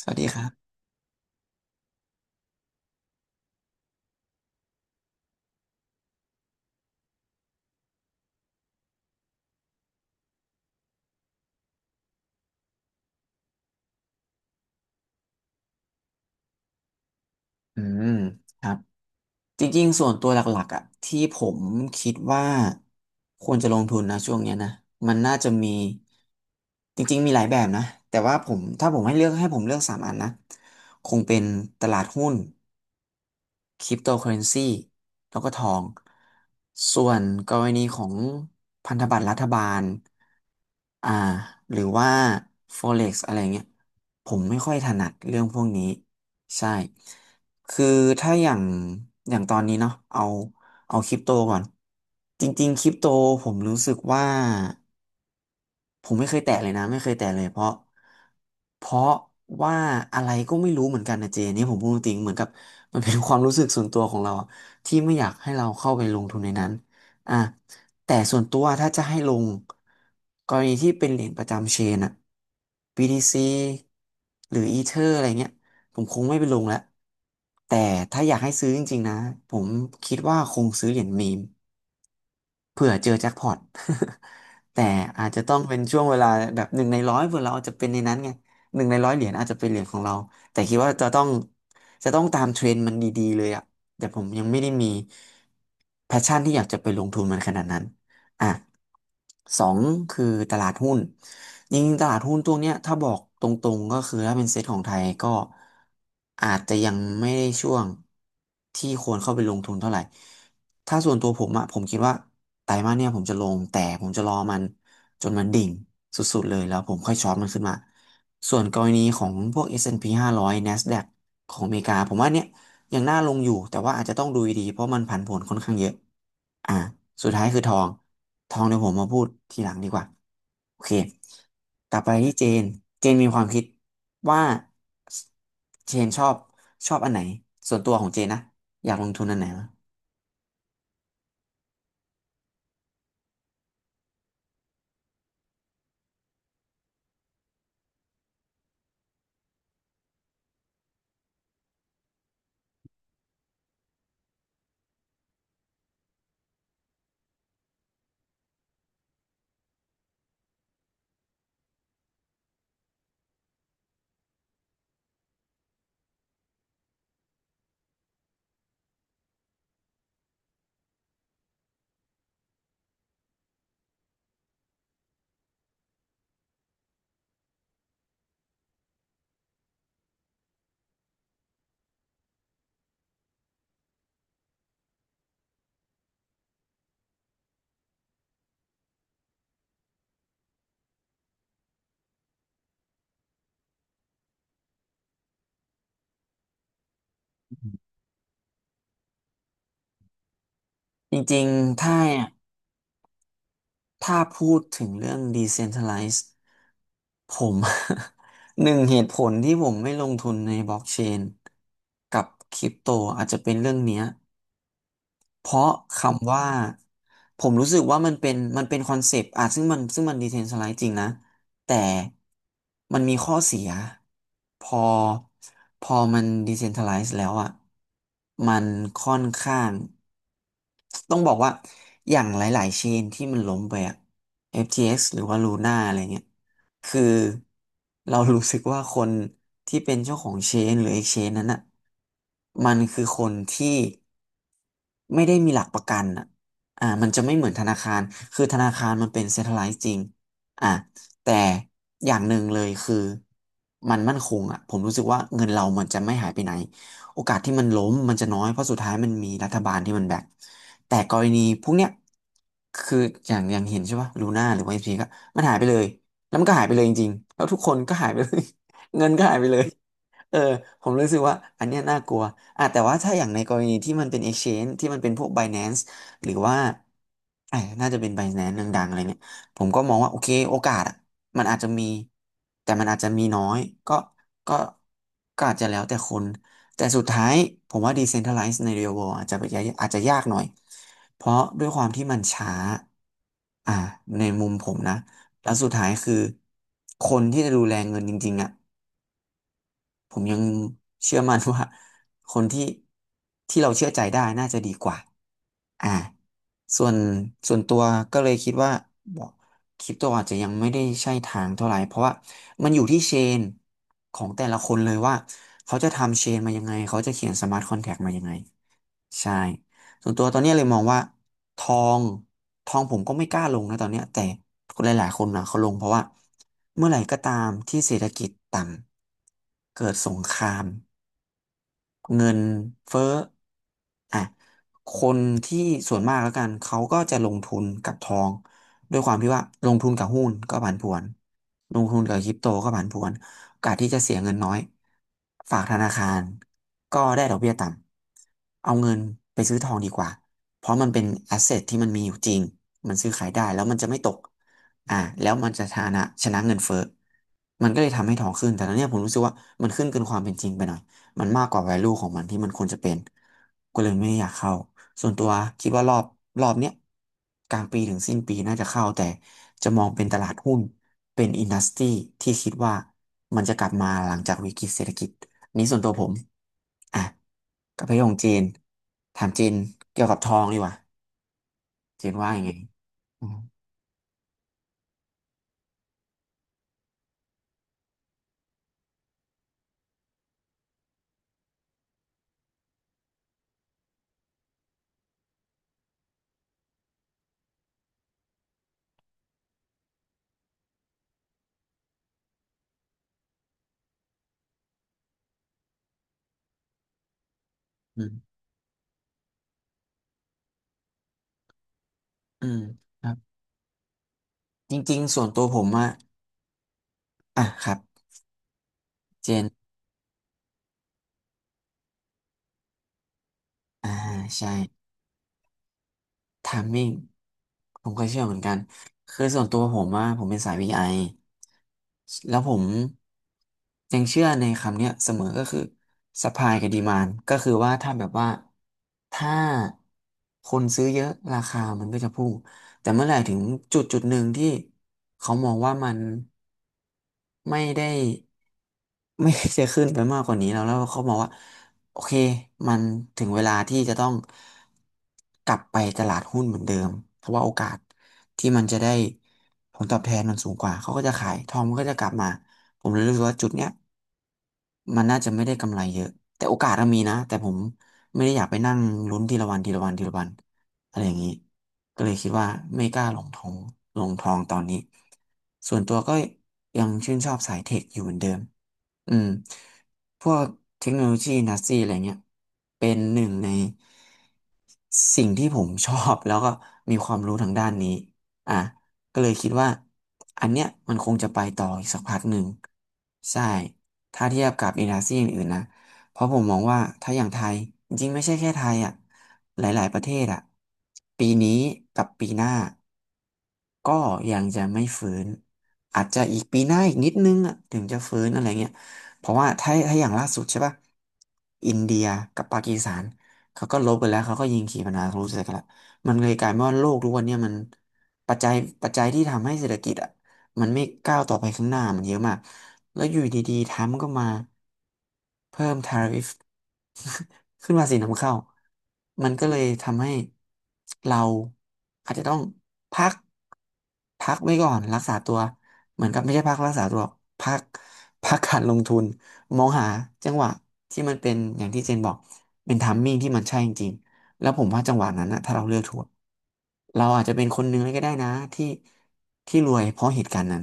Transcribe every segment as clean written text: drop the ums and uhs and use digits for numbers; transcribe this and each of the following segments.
สวัสดีครับอืมครับ จริงๆส่วนตัวหลักๆอ่ะที่ผมคิดว่าควรจะลงทุนนะช่วงเนี้ยนะมันน่าจะมีจริงๆมีหลายแบบนะแต่ว่าผมถ้าผมให้เลือกให้ผมเลือกสามอันนะคงเป็นตลาดหุ้น คริปโตเคอเรนซีแล้วก็ทองส่วนกรณีของพันธบัตรรัฐบาลอ่าหรือว่า Forex อะไรเงี้ยผมไม่ค่อยถนัดเรื่องพวกนี้ใช่คือถ้าอย่างตอนนี้เนาะเอาคริปโตก่อนจริงๆคริปโตผมรู้สึกว่า ผมไม่เคยแตะเลยนะไม่เคยแตะเลยเพราะว่าอะไรก็ไม่รู้เหมือนกันนะเจนี่ผมพูดจริงเหมือนกับมันเป็นความรู้สึกส่วนตัวของเราอะที่ไม่อยากให้เราเข้าไปลงทุนในนั้นอ่ะแต่ส่วนตัวถ้าจะให้ลงกรณีที่เป็นเหรียญประจำเชนอะ BTC หรือ Ether อะไรเงี้ยผมคงไม่ไปลงแล้วแต่ถ้าอยากให้ซื้อจริงๆนะผมคิดว่าคงซื้อเหรียญมีม เผื่อเจอแจ็คพอต แต่อาจจะต้องเป็นช่วงเวลาแบบหนึ่งในร้อยเผื่อเราอาจจะเป็นในนั้นไงหนึ่งในร้อยเหรียญอาจจะเป็นเหรียญของเราแต่คิดว่าจะต้องตามเทรนด์มันดีๆเลยอะแต่ผมยังไม่ได้มีแพชชั่นที่อยากจะไปลงทุนมันขนาดนั้น อ่ะสองคือตลาดหุ้นจริงๆตลาดหุ้นตัวเนี้ยถ้าบอกตรงๆก็คือถ้าเป็นเซ็ตของไทยก็อาจจะยังไม่ได้ช่วงที่ควรเข้าไปลงทุนเท่าไหร่ถ้าส่วนตัวผมอะผมคิดว่าไตรมาสเนี่ยผมจะลงแต่ผมจะรอมันจนมันดิ่งสุดๆเลยแล้วผมค่อยช็อตมันขึ้นมาส่วนกรณีของพวก S&P 500 NASDAQ ของอเมริกาผมว่าเนี่ยยังน่าลงอยู่แต่ว่าอาจจะต้องดูดีๆเพราะมันผันผวนค่อนข้างเยอะ อ่าสุดท้ายคือทองทองเดี๋ยวผมมาพูดทีหลังดีกว่าโอเคกลับไปที่เจนเจนมีความคิดว่าเจนชอบอันไหนส่วนตัวของเจนนะอยากลงทุนอันไหนวะจริงๆถ้าพูดถึงเรื่อง decentralized ผม หนึ่งเหตุผลที่ผมไม่ลงทุนในบล็อกเชนกับคริปโตอาจจะเป็นเรื่องเนี้ย เพราะคำว่าผมรู้สึกว่ามันเป็นคอนเซปต์อ่ะซึ่งมันดีเทนสไลด์จริงนะแต่มันมีข้อเสียพอพอมันดีเซนท r ัลไลซ์แล้วอ่ะมันค่อนข้างต้องบอกว่าอย่างหลายๆเชนที่มันล้มไปอ่ะ FTX หรือว่า Luna อะไรเงี้ย คือเรารู้สึกว่าคนที่เป็นเจ้าของเชนหรือเอกเชนนั้นอ่ะมันคือคนที่ไม่ได้มีหลักประกันอ่ะอ่ามันจะไม่เหมือนธนาคารคือธนาคารมันเป็นเซ็นทรัลไลซ์จริงอ่าแต่อย่างหนึ่งเลยคือมันมั่นคงอ่ะผมรู้สึกว่าเงินเรามันจะไม่หายไปไหน โอกาสที่มันล้มมันจะน้อยเพราะสุดท้ายมันมีรัฐบาลที่มันแบกแต่กรณีพวกเนี้ยคืออย่างเห็นใช่ป่ะลูน่าหรือว่าเอฟซีก็มันหายไปเลย แล้วมันก็หายไปเลยจริงๆแล้วทุกคนก็หายไปเลย เงินก็หายไปเลยเออผมรู้สึกว่าอันเนี้ยน่ากลัวอ่ะแต่ว่าถ้าอย่างในกรณีที่มันเป็น exchange ที่มันเป็นพวก Binance หรือว่าไอ้น่าจะเป็น Binance ดังๆอะไรเงี้ยผมก็มองว่าโอเคโอกาสอ่ะมันอาจจะมีแต่มันอาจจะมีน้อยก็ก็ก็อาจจะแล้วแต่คนแต่สุดท้ายผมว่า decentralized ใน real world อาจจะยากหน่อยเพราะด้วยความที่มันช้าอ่าในมุมผมนะ แล้วสุดท้ายคือคนที่จะดูแลเงินจริงๆอ่ะผมยังเชื่อมั่นว่า คนที่เราเชื่อใจได้น่าจะดีกว่าอ่าส่วนส่วนตัวก็เลยคิดว่าบอกคริปโตอาจจะยังไม่ได้ใช่ทางเท่าไหร่เพราะว่ามันอยู่ที่เชนของแต่ละคนเลยว่าเขาจะทำเชนมายังไงเขาจะเขียนสมาร์ทคอนแท็กมายังไง ใช่ส่วนตัวตอนเนี้ยเลยมองว่าทองทองผมก็ไม่กล้าลงนะตอนเนี้ยแต่คนหลายๆคนนะเขาลงเพราะว่าเมื่อไหร่ก็ตามที่เศรษฐกิจต่ำเกิดสงคราม เงินเฟ้ออ่ะคนที่ส่วนมากแล้วกันเขาก็จะลงทุนกับทองด้วยความที่ว่าลงทุนกับหุ้นก็ผันผวนลงทุนกับคริปโตก็ผันผวนโอกาสที่จะเสียเงินน้อยฝากธนาคารก็ได้ดอกเบี้ยต่ำเอาเงินไปซื้อทองดีกว่าเพราะมันเป็นแอสเซทที่มันมีอยู่จริงมันซื้อขายได้แล้วมันจะไม่ตกอ่าแล้วมันจะชนะเงินเฟ้อมันก็เลยทำให้ทองขึ้นแต่ตอนเนี้ยผมรู้สึกว่ามันขึ้นเกินความเป็นจริงไปหน่อย มันมากกว่า value ของมันที่มันควรจะเป็นก็เลยไม่ไอยากเข้าส่วนตัวคิดว่ารอบเนี้ยกลางปีถึงสิ้นปีน่าจะเข้าแต่จะมองเป็นตลาดหุ้นเป็นอินดัสทรีที่คิดว่ามันจะกลับมาหลังจากวิกฤตเศรษฐกิจอันนี้ส่วนตัวผมอ่ะกับพี่ของเจนถามเจนเกี่ยวกับทองดีกว่าเจนว่ายังไงอืมอืมอืมครับจริงๆส่วนตัวผมอะครับเจนอ่าใช่ ไทมิ่งผมก็เชื่อเหมือนกัน คือส่วนตัวผมว่าผมเป็นสายวีไ i แล้วผมยังเชื่อในคำเนี้ยเสมอก็คือ supply กับ demand ก็คือว่าถ้าแบบว่าถ้าคนซื้อเยอะราคามันก็จะพุ่ง แต่เมื่อไหร่ถึงจุดหนึ่งที่เขามองว่ามันไม่ได้ ไม่จะขึ้นไปมากกว่านี้แล้วเขามองว่าโอเคมันถึงเวลาที่จะต้องกลับไปตลาดหุ้นเหมือนเดิมเพราะว่าโอกาสที่มันจะได้ผลตอบแทนมันสูงกว่าเขาก็จะขายทองมันก็จะกลับมาผมเลยรู้สึกว่าจุดเนี้ยมันน่าจะไม่ได้กำไรเยอะแต่โอกาสมันมีนะแต่ผมไม่ได้อยากไปนั่งลุ้นทีละวันทีละวันทีละวัน อะไรอย่างนี้ก็เลยคิดว่าไม่กล้าลงทองตอนนี้ ส่วนตัวก็ยังชื่นชอบสายเทคอยู่เหมือนเดิม อืม พวกเทคโนโลยีนัสซีอะไรเงี้ยเป็นหนึ่งในสิ่งที่ผมชอบแล้วก็มีความรู้ทางด้านนี้อ่ะ ก็เลยคิดว่าอันเนี้ยมันคงจะไปต่ออีกสักพักหนึ่งใช่ ถ้าเทียบกับอินดัสทรีอื่นๆนะ เพราะผมมองว่าถ้าอย่างไทยจริงๆไม่ใช่แค่ไทยหลายๆประเทศปีนี้กับปีหน้าก็ยังจะไม่ฟื้นอาจจะอีกปีหน้าอีกนิดนึงถึงจะฟื้นอะไรเงี้ย เพราะว่าถ้าอย่างล่าสุดใช่ป่ะอินเดียกับปากีสถานเขาก็ลบกันแล้วเขาก็ยิงขีปนาวุธใส่กันละมันเลยกลายเป็นว่าโลกทุกวันเนี่ยมันปัจจัยปัจจัยที่ทำให้เศรษฐกิจอะ มันไม่ก้าวต่อไปข้างหน้ามันเยอะมาก แล้วอยู่ดีๆไทยมันก็มาเพิ่มทาริฟ ขึ้นภาษีนำเข้า มันก็เลยทำให้เราอาจจะต้องพักพักไว้ก่อนรักษาตัว เหมือนกับไม่ใช่พักรักษาตัวหรอกพักพักการลงทุนมองหาจังหวะที่มันเป็นอย่างที่เจนบอกเป็นทัมมิ่งที่มันใช่จริง แล้วผมว่าจังหวะนั้นนะถ้าเราเลือกถูกเราอาจจะเป็นคนหนึ่งเลยก็ได้นะที่ที่รวยเพราะเหตุการณ์นั้น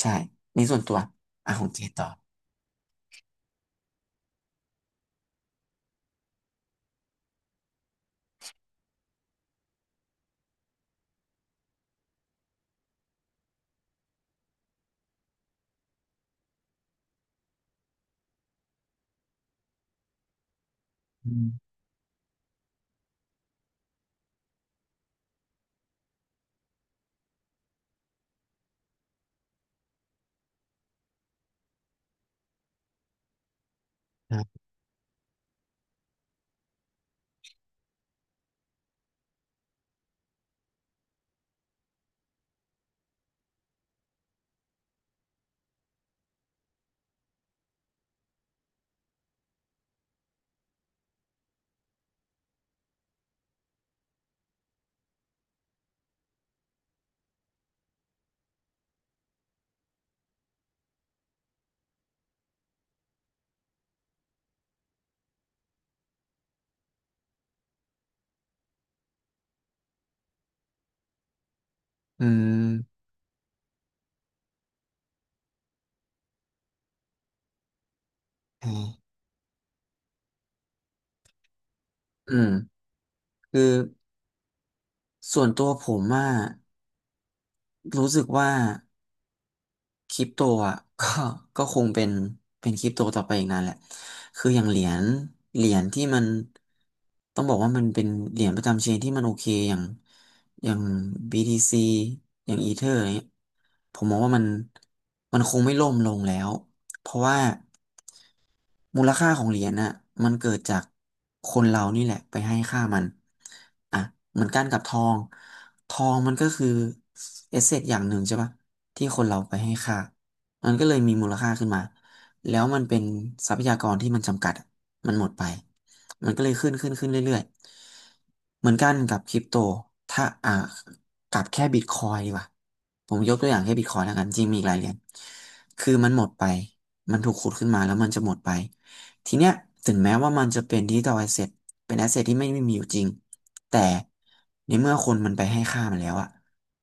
ใช่ในี่ส่วนตัวของเจต่ออืมครับอืมอ่าอืมคือส่วนตัวผมอะรู้สึกว่า คริปโตอ่ะ ก็ก็คงเป็นคริปโตต่อไปอีกนานแหละคืออย่างเหรียญที่มันต้องบอกว่ามันเป็นเหรียญประจำเชนที่มันโอเคอย่าง BTC อย่างอีเธอร์อะไรเงี้ยผมมองว่ามันคงไม่ล่มลงแล้ว เพราะว่ามูลค่าของเหรียญน่ะมันเกิดจากคนเรานี่แหละไปให้ค่ามันอ่ะเหมือนกันกับทองทองมันก็คือเอเซทอย่างหนึ่งใช่ปะที่คนเราไปให้ค่ามันก็เลยมีมูลค่าขึ้นมาแล้วมันเป็นทรัพยากรที่มันจำกัดอะมันหมดไปมันก็เลยขึ้นเรื่อยๆเหมือนกันกับคริปโตถ้ากับแค่บิตคอยดีกว่าผมยกตัวอย่างแค่บิตคอยแล้วกันจริงมีอีกหลายเหรียญคือมันหมดไป มันถูกขุดขึ้นมาแล้วมันจะหมดไป ทีเนี้ยถึงแม้ว่ามันจะเป็นดิจิทัลแอสเซทเป็นแอสเซทที่ไม่ไมมีอยู่จริงแต่ในเมื่อคนมันไปให้ค่ามันแล้วอะ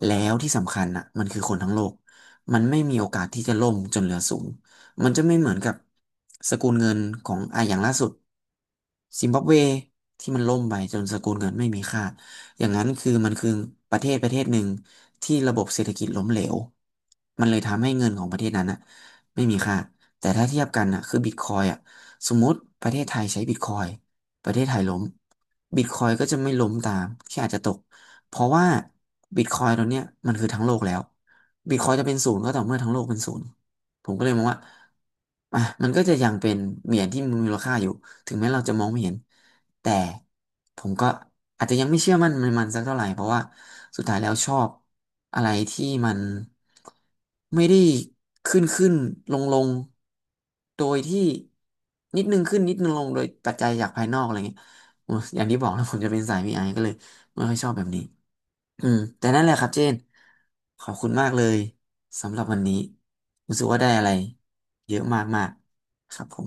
แล้วที่สำคัญอะมันคือคนทั้งโลกมันไม่มีโอกาสที่จะล่มจนเหลือศูนย์มันจะไม่เหมือนกับสกุลเงินของอย่างล่าสุดซิมบับเวที่มันล่มไปจนสกุลเงินไม่มีค่าอย่างนั้นคือมันคือประเทศหนึ่งที่ระบบเศรษฐกิจล้มเหลวมันเลยทำให้เงินของประเทศนั้นอะไม่มีค่า แต่ถ้าเทียบกันน่ะคือบิตคอยสมมติประเทศไทยใช้บิตคอยประเทศไทยล้มบิตคอยก็จะไม่ล้มตามแค่อาจจะตกเพราะว่าบิตคอยตัวเนี้ยมันคือทั้งโลกแล้วบิตคอยจะเป็นศูนย์ก็ต่อเมื่อทั้งโลกเป็นศูนย์ผมก็เลยมองว่ามันก็จะยังเป็นเหรียญที่มีมูลค่าอยู่ถึงแม้เราจะมองไม่เห็นแต่ผมก็ อาจจะยังไม่เชื่อมั่นมันสักเท่าไหร่เพราะว่าสุดท้ายแล้วชอบอะไรที่มันไม่ได้ขึ้นขึ้นลงลงโดยที่นิดนึงขึ้นนิดนึงลงโดยปัจจัยจากภายนอกอะไรเงี้ยโอ้ยอย่างที่บอกแล้วผมจะเป็นสาย VI ก็เลยไม่ค่อยชอบแบบนี้อืมแต่นั่นแหละครับเจนขอบคุณมากเลยสำหรับวันนี้รู้สึกว่าได้อะไรเยอะมากๆครับผม